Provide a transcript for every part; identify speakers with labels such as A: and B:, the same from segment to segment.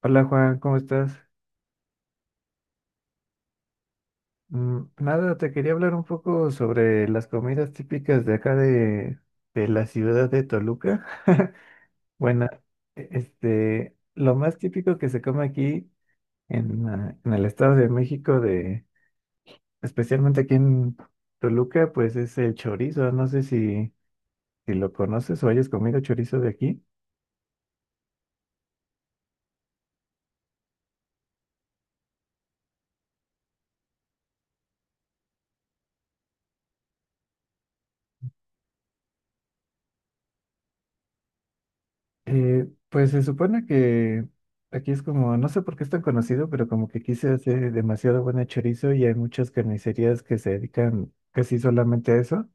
A: Hola Juan, ¿cómo estás? Nada, te quería hablar un poco sobre las comidas típicas de de la ciudad de Toluca. Bueno, lo más típico que se come aquí en el Estado de México, especialmente aquí en Toluca, pues es el chorizo. No sé si lo conoces o hayas comido chorizo de aquí. Pues se supone que aquí es como, no sé por qué es tan conocido, pero como que aquí se hace demasiado buena chorizo y hay muchas carnicerías que se dedican casi solamente a eso.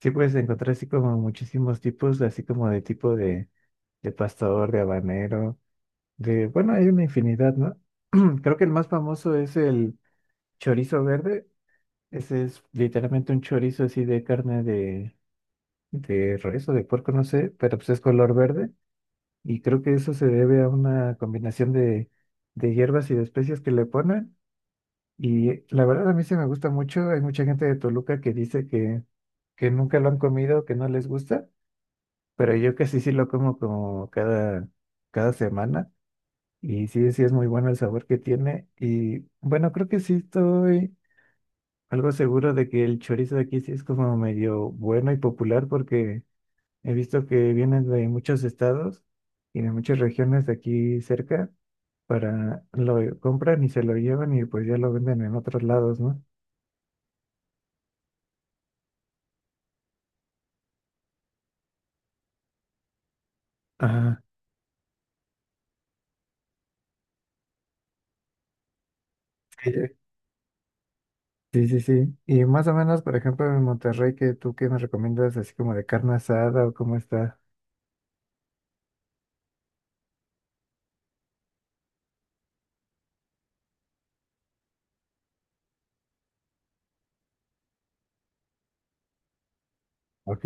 A: Sí puedes encontrar así como muchísimos tipos, así como de tipo de pastor, de habanero, bueno, hay una infinidad, ¿no? Creo que el más famoso es el chorizo verde. Ese es literalmente un chorizo así de carne de res o de puerco, no sé, pero pues es color verde y creo que eso se debe a una combinación de hierbas y de especias que le ponen. Y la verdad a mí se me gusta mucho. Hay mucha gente de Toluca que dice que nunca lo han comido, que no les gusta, pero yo casi sí lo como como cada semana. Y sí, sí es muy bueno el sabor que tiene. Y bueno, creo que sí estoy algo seguro de que el chorizo de aquí sí es como medio bueno y popular porque... He visto que vienen de muchos estados y de muchas regiones de aquí cerca para lo compran y se lo llevan y pues ya lo venden en otros lados, ¿no? Ajá. Sí, sí, sí, sí. Y más o menos, por ejemplo, en Monterrey, ¿qué me recomiendas así como de carne asada o cómo está? Ok.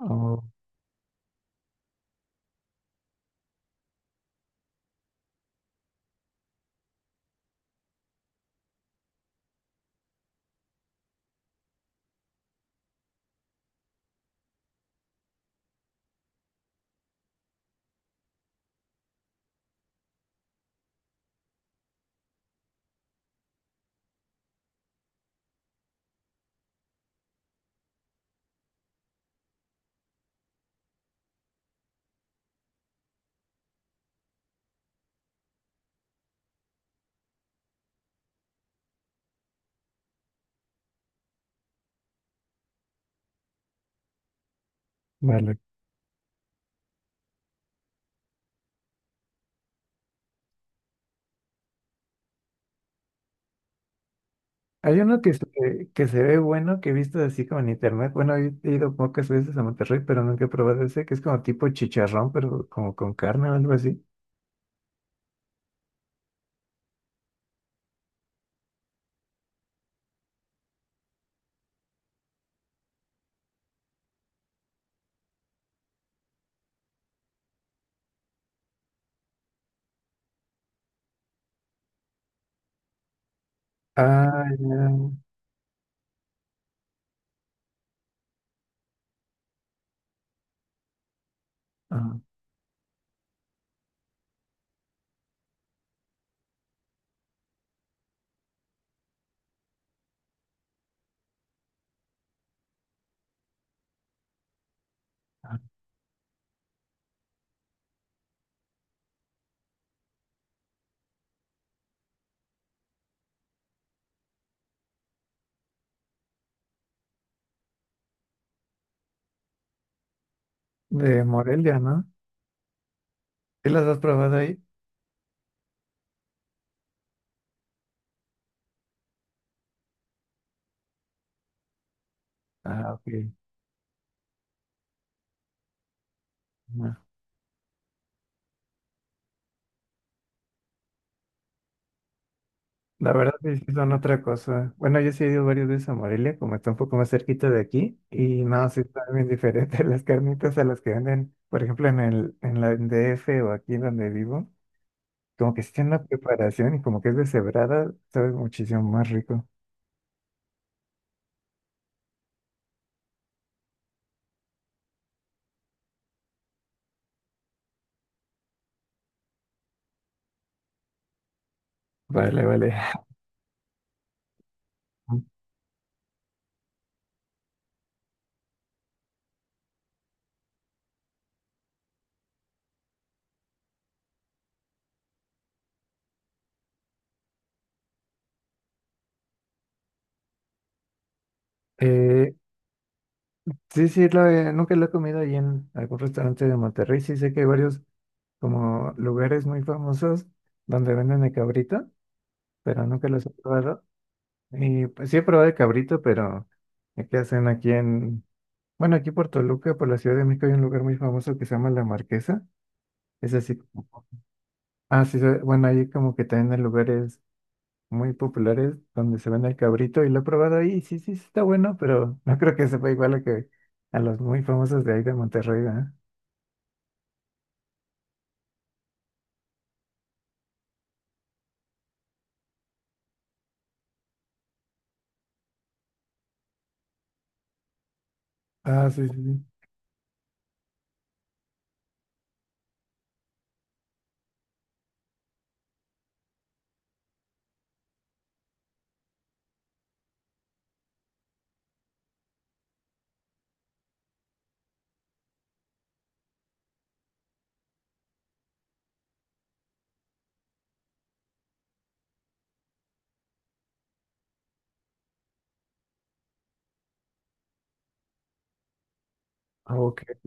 A: Oh, vale. Hay uno que se ve bueno, que he visto así como en internet. Bueno, he ido pocas veces a Monterrey, pero nunca he probado ese, que es como tipo chicharrón, pero como con carne o algo así. Ah, ya. Ah, ah, de Morelia, ¿no? ¿Sí las has probado ahí? Ah, ok. No. La verdad es que son otra cosa. Bueno, yo sí he ido varias veces a Morelia, como está un poco más cerquita de aquí, y no, sí están bien diferentes las carnitas a las que venden, por ejemplo, en la en DF o aquí donde vivo, como que sí tienen una preparación y como que es deshebrada, sabe muchísimo más rico. Vale, vale. Eh, sí, sí, nunca lo he comido ahí en algún restaurante de Monterrey. Sí, sé que hay varios como lugares muy famosos donde venden el cabrito, pero nunca los he probado. Y pues sí he probado el cabrito, pero el que hacen aquí en, bueno, aquí por Toluca, por la Ciudad de México, hay un lugar muy famoso que se llama La Marquesa. Es así como, ah, sí, bueno, ahí como que también hay lugares muy populares donde se vende el cabrito y lo he probado ahí, y sí, sí, sí está bueno, pero no creo que sepa igual a que a los muy famosos de ahí de Monterrey, ¿verdad? Ah, sí, sí, sí.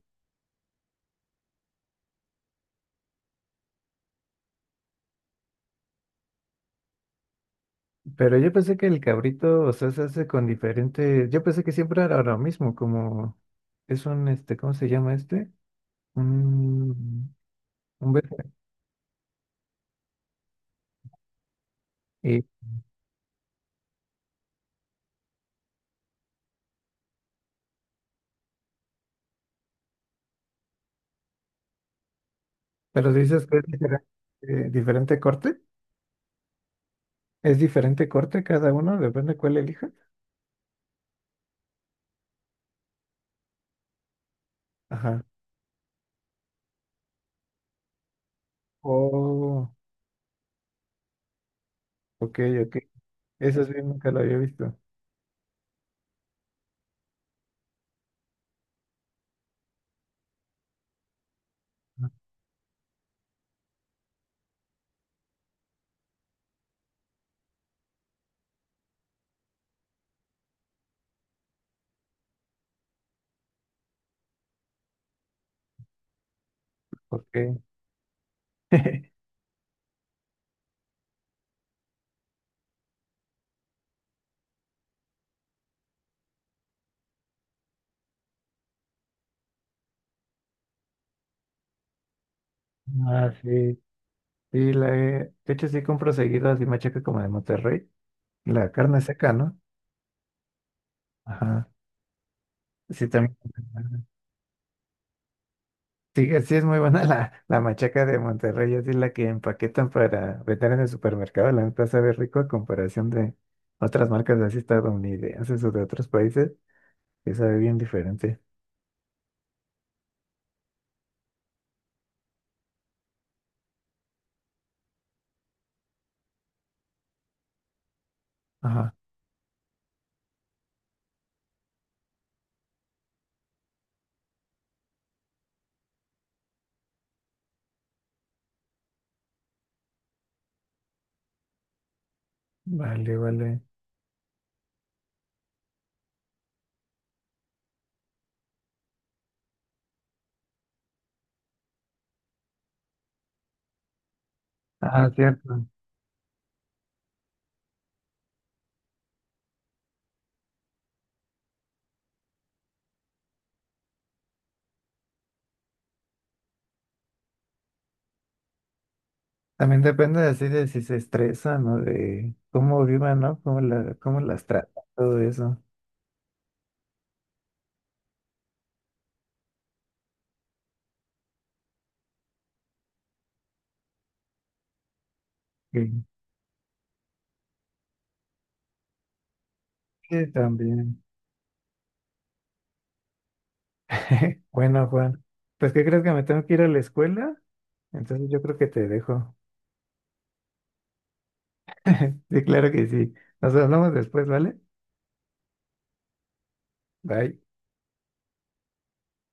A: Pero yo pensé que el cabrito, o sea, se hace con diferentes. Yo pensé que siempre era lo mismo, como es un, este, ¿cómo se llama este? Un, un verde. Y, pero si dices que es diferente, diferente corte. ¿Es diferente corte cada uno? Depende cuál elija. Ajá. Oh, ok, ok. Eso sí, nunca lo había visto. Ah, ok. Ah, sí. Sí, la he... De hecho, sí compro seguido así machaca como de Monterrey. La carne seca, ¿no? Ajá. Sí, también. Sí, sí es muy buena la machaca de Monterrey, así la que empaquetan para vender en el supermercado, la neta sabe rico a comparación de otras marcas así estadounidenses o de otros países, que sabe bien diferente. Ajá, vale, vale. Ah, cierto. También depende así de si se estresan o de cómo vivan, ¿no? Cómo las tratan, todo eso. Sí, sí, también. Bueno, Juan, pues ¿qué crees que me tengo que ir a la escuela? Entonces yo creo que te dejo. Sí, claro que sí. Nos hablamos después, ¿vale? Bye.